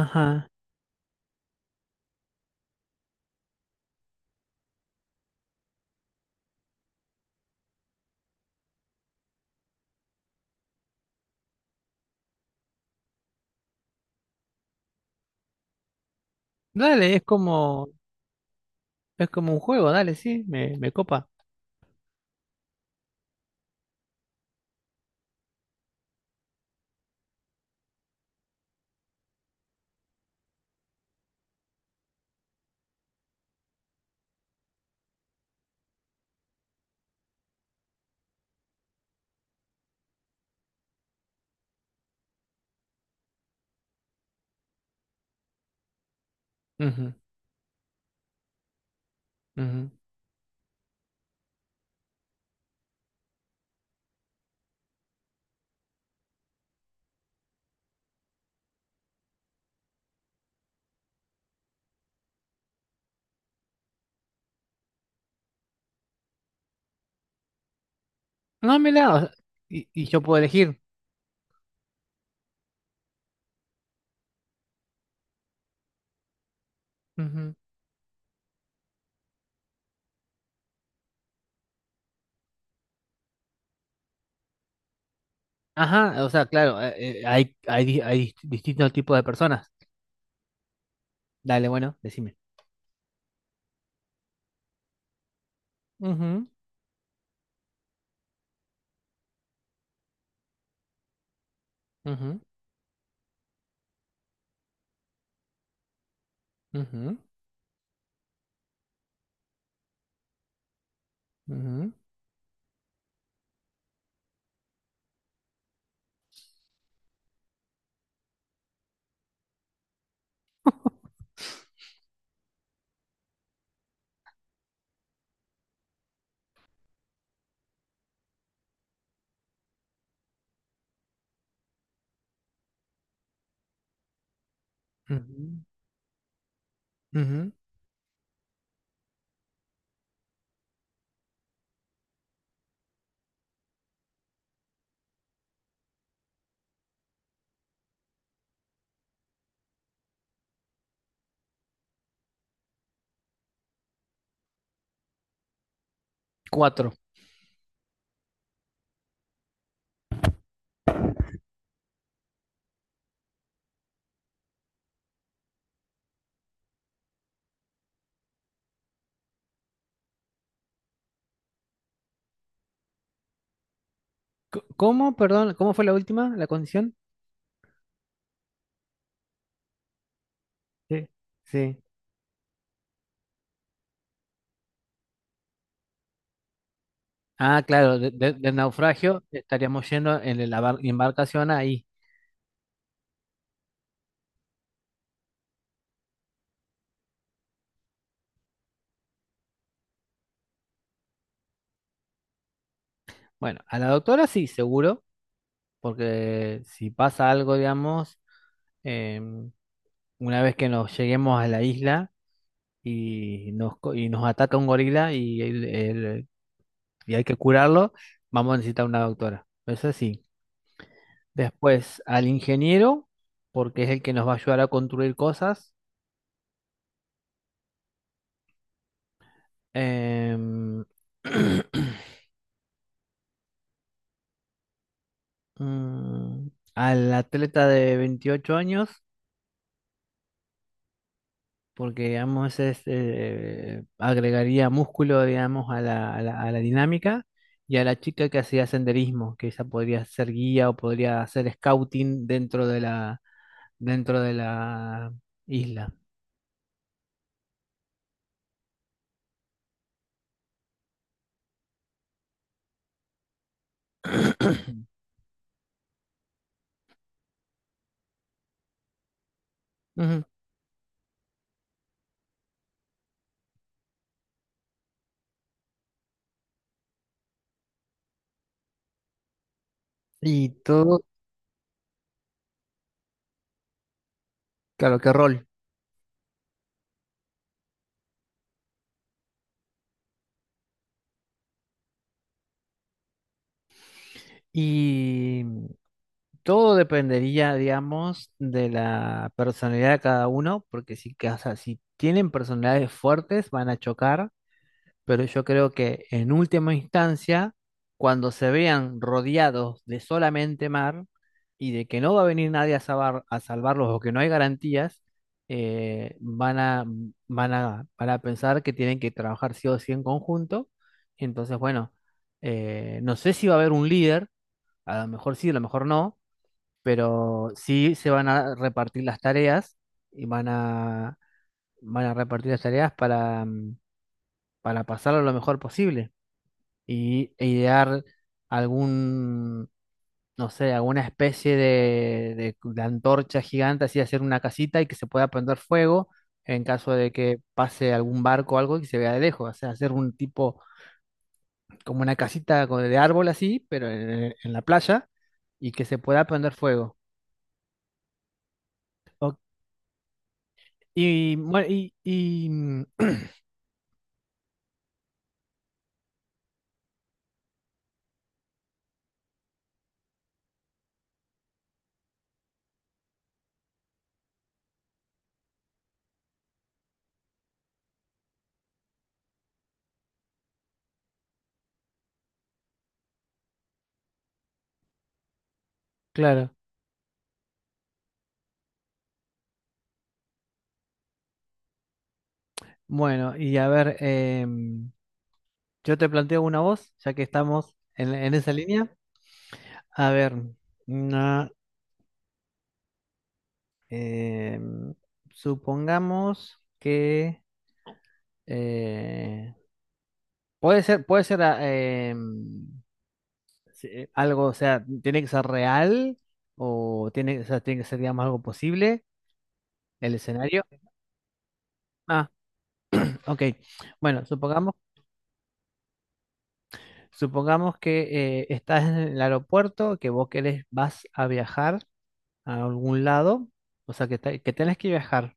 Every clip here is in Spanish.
Ajá. Dale, es como un juego, dale, sí, me copa. Ujú, ujú. No, mira, o sea, y yo puedo elegir. Ujú. Ajá, o sea, claro, hay distintos tipos de personas. Dale, bueno, decime. Ujú, ujú, ujú, ujú, ujú, ujú. Cuatro. ¿Cómo, perdón, cómo fue la última, la condición? Sí. Sí. Ah, claro, del naufragio estaríamos yendo en la embarcación ahí. Bueno, a la doctora sí, seguro. Porque si pasa algo, digamos, em, una vez que nos lleguemos a la isla y nos ataca un gorila y hay que curarlo, vamos a necesitar una doctora. Eso sí. Después al ingeniero, porque es el que nos va a ayudar a construir cosas. Em, mm, al atleta de 28 años porque digamos agregaría músculo, digamos, a la dinámica y a la chica que hacía senderismo, que ella podría ser guía o podría hacer scouting dentro de la isla. Ujú. Y todo, claro, qué rol. Y todo dependería, digamos, de la personalidad de cada uno, porque si tienen personalidades fuertes, van a chocar, pero yo creo que en última instancia, cuando se vean rodeados de solamente mar y de que no va a venir nadie a salvarlos o que no hay garantías, eh, van a, van a pensar que tienen que trabajar sí o sí en conjunto. Entonces, bueno, no sé si va a haber un líder, a lo mejor sí, a lo mejor no, pero sí se van a repartir las tareas y van a repartir las tareas para pasarlo lo mejor posible e idear algún, no sé, alguna especie de antorcha gigante, así hacer una casita y que se pueda prender fuego en caso de que pase algún barco o algo y se vea de lejos, o sea, hacer un tipo, como una casita de árbol así, pero en la playa y que se pueda prender fuego. O- y, bueno, claro, bueno, y a ver, em, yo te planteo una voz, ya que estamos en esa línea. A ver, mm, ah, Eh, supongamos que eh, puede ser em, algo, o sea, tiene que ser real o tiene, o sea, tiene que ser, digamos, algo posible, el escenario. Ah, ok. Bueno, supongamos que estás en el aeropuerto, que vos querés, vas a viajar a algún lado, o sea, que tenés que viajar.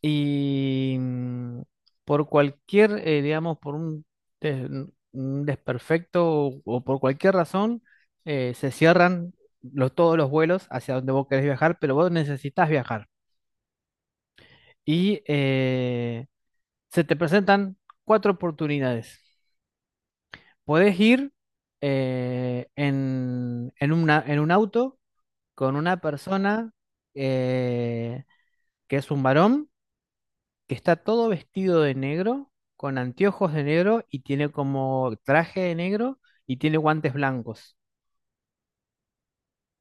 Y por cualquier, digamos, por un, des- un desperfecto o por cualquier razón, se cierran todos los vuelos hacia donde vos querés viajar, pero vos necesitas viajar. Y se te presentan cuatro oportunidades. Podés ir en un auto con una persona eh, que es un varón que está todo vestido de negro, con anteojos de negro y tiene como traje de negro y tiene guantes blancos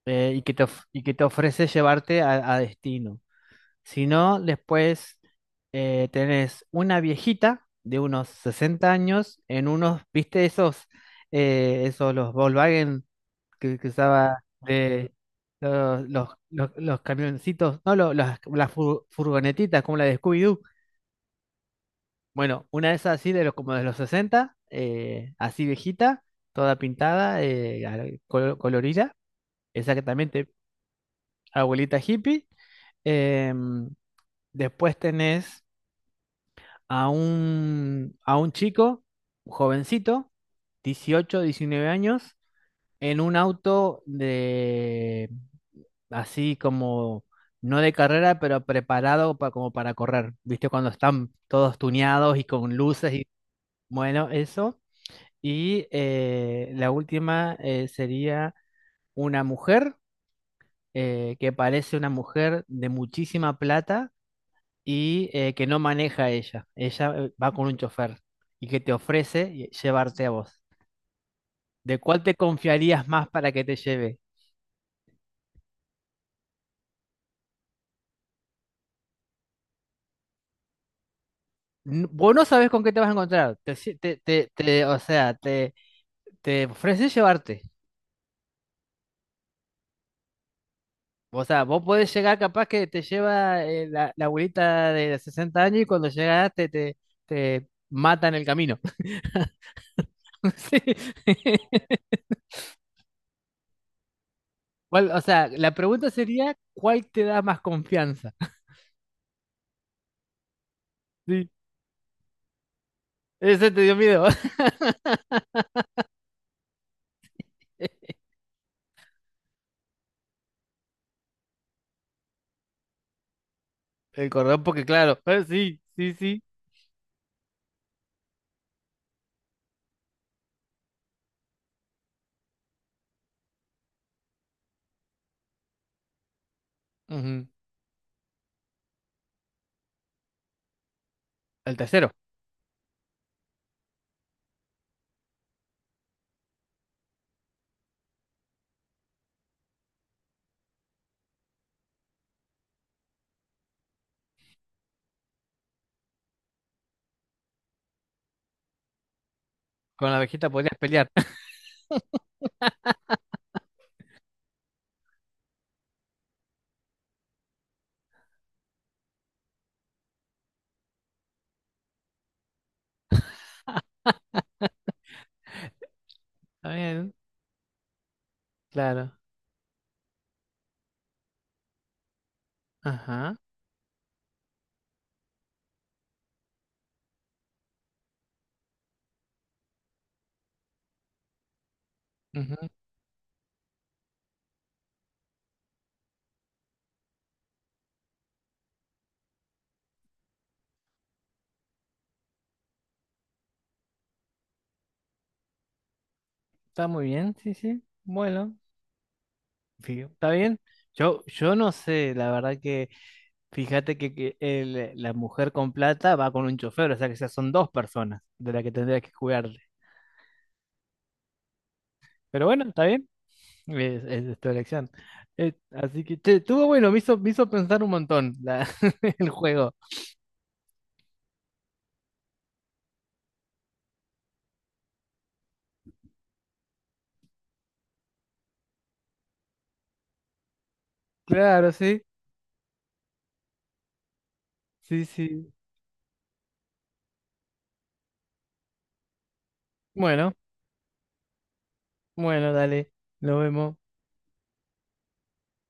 y que te ofrece llevarte a destino. Si no, después tenés una viejita de unos 60 años en unos, ¿viste esos, esos los Volkswagen que usaba de. Los camioncitos, no, las furgonetitas como la de Scooby-Doo. Bueno, una de esas así de los como de los 60, así viejita, toda pintada, colorida, exactamente, abuelita hippie. Em, después tenés a un chico, un jovencito, 18, 19 años, en un auto de así como, no de carrera, pero preparado como para correr. ¿Viste? Cuando están todos tuneados y con luces y bueno, eso. Y la última sería una mujer que parece una mujer de muchísima plata y que no maneja ella. Ella va con un chofer y que te ofrece llevarte a vos. ¿De cuál te confiarías más para que te lleve? Vos no sabés con qué te vas a encontrar. Te, si- te- te- te- o sea, te ofrece llevarte. O sea, vos podés llegar capaz que te lleva la abuelita de 60 años y cuando llegas te mata en el camino. Sí. O sea, la pregunta sería: ¿cuál te da más confianza? Sí, ese te dio miedo. El cordón, porque claro, sí, sí, sí. Ujú. El tercero, con la abejita podrías pelear. Está bien, claro. Ajá. Ujú. Está muy bien, sí, sí. Bueno, sí, está bien. Yo no sé, la verdad que fíjate que, que la mujer con plata va con un chofer, o sea que ya son dos personas de las que tendrías que jugarle. Pero bueno, está bien. Es tu elección. Así que, che, estuvo bueno, me hizo pensar un montón el juego. Claro, sí, sí, sí. Bueno, bueno, dale, nos vemos.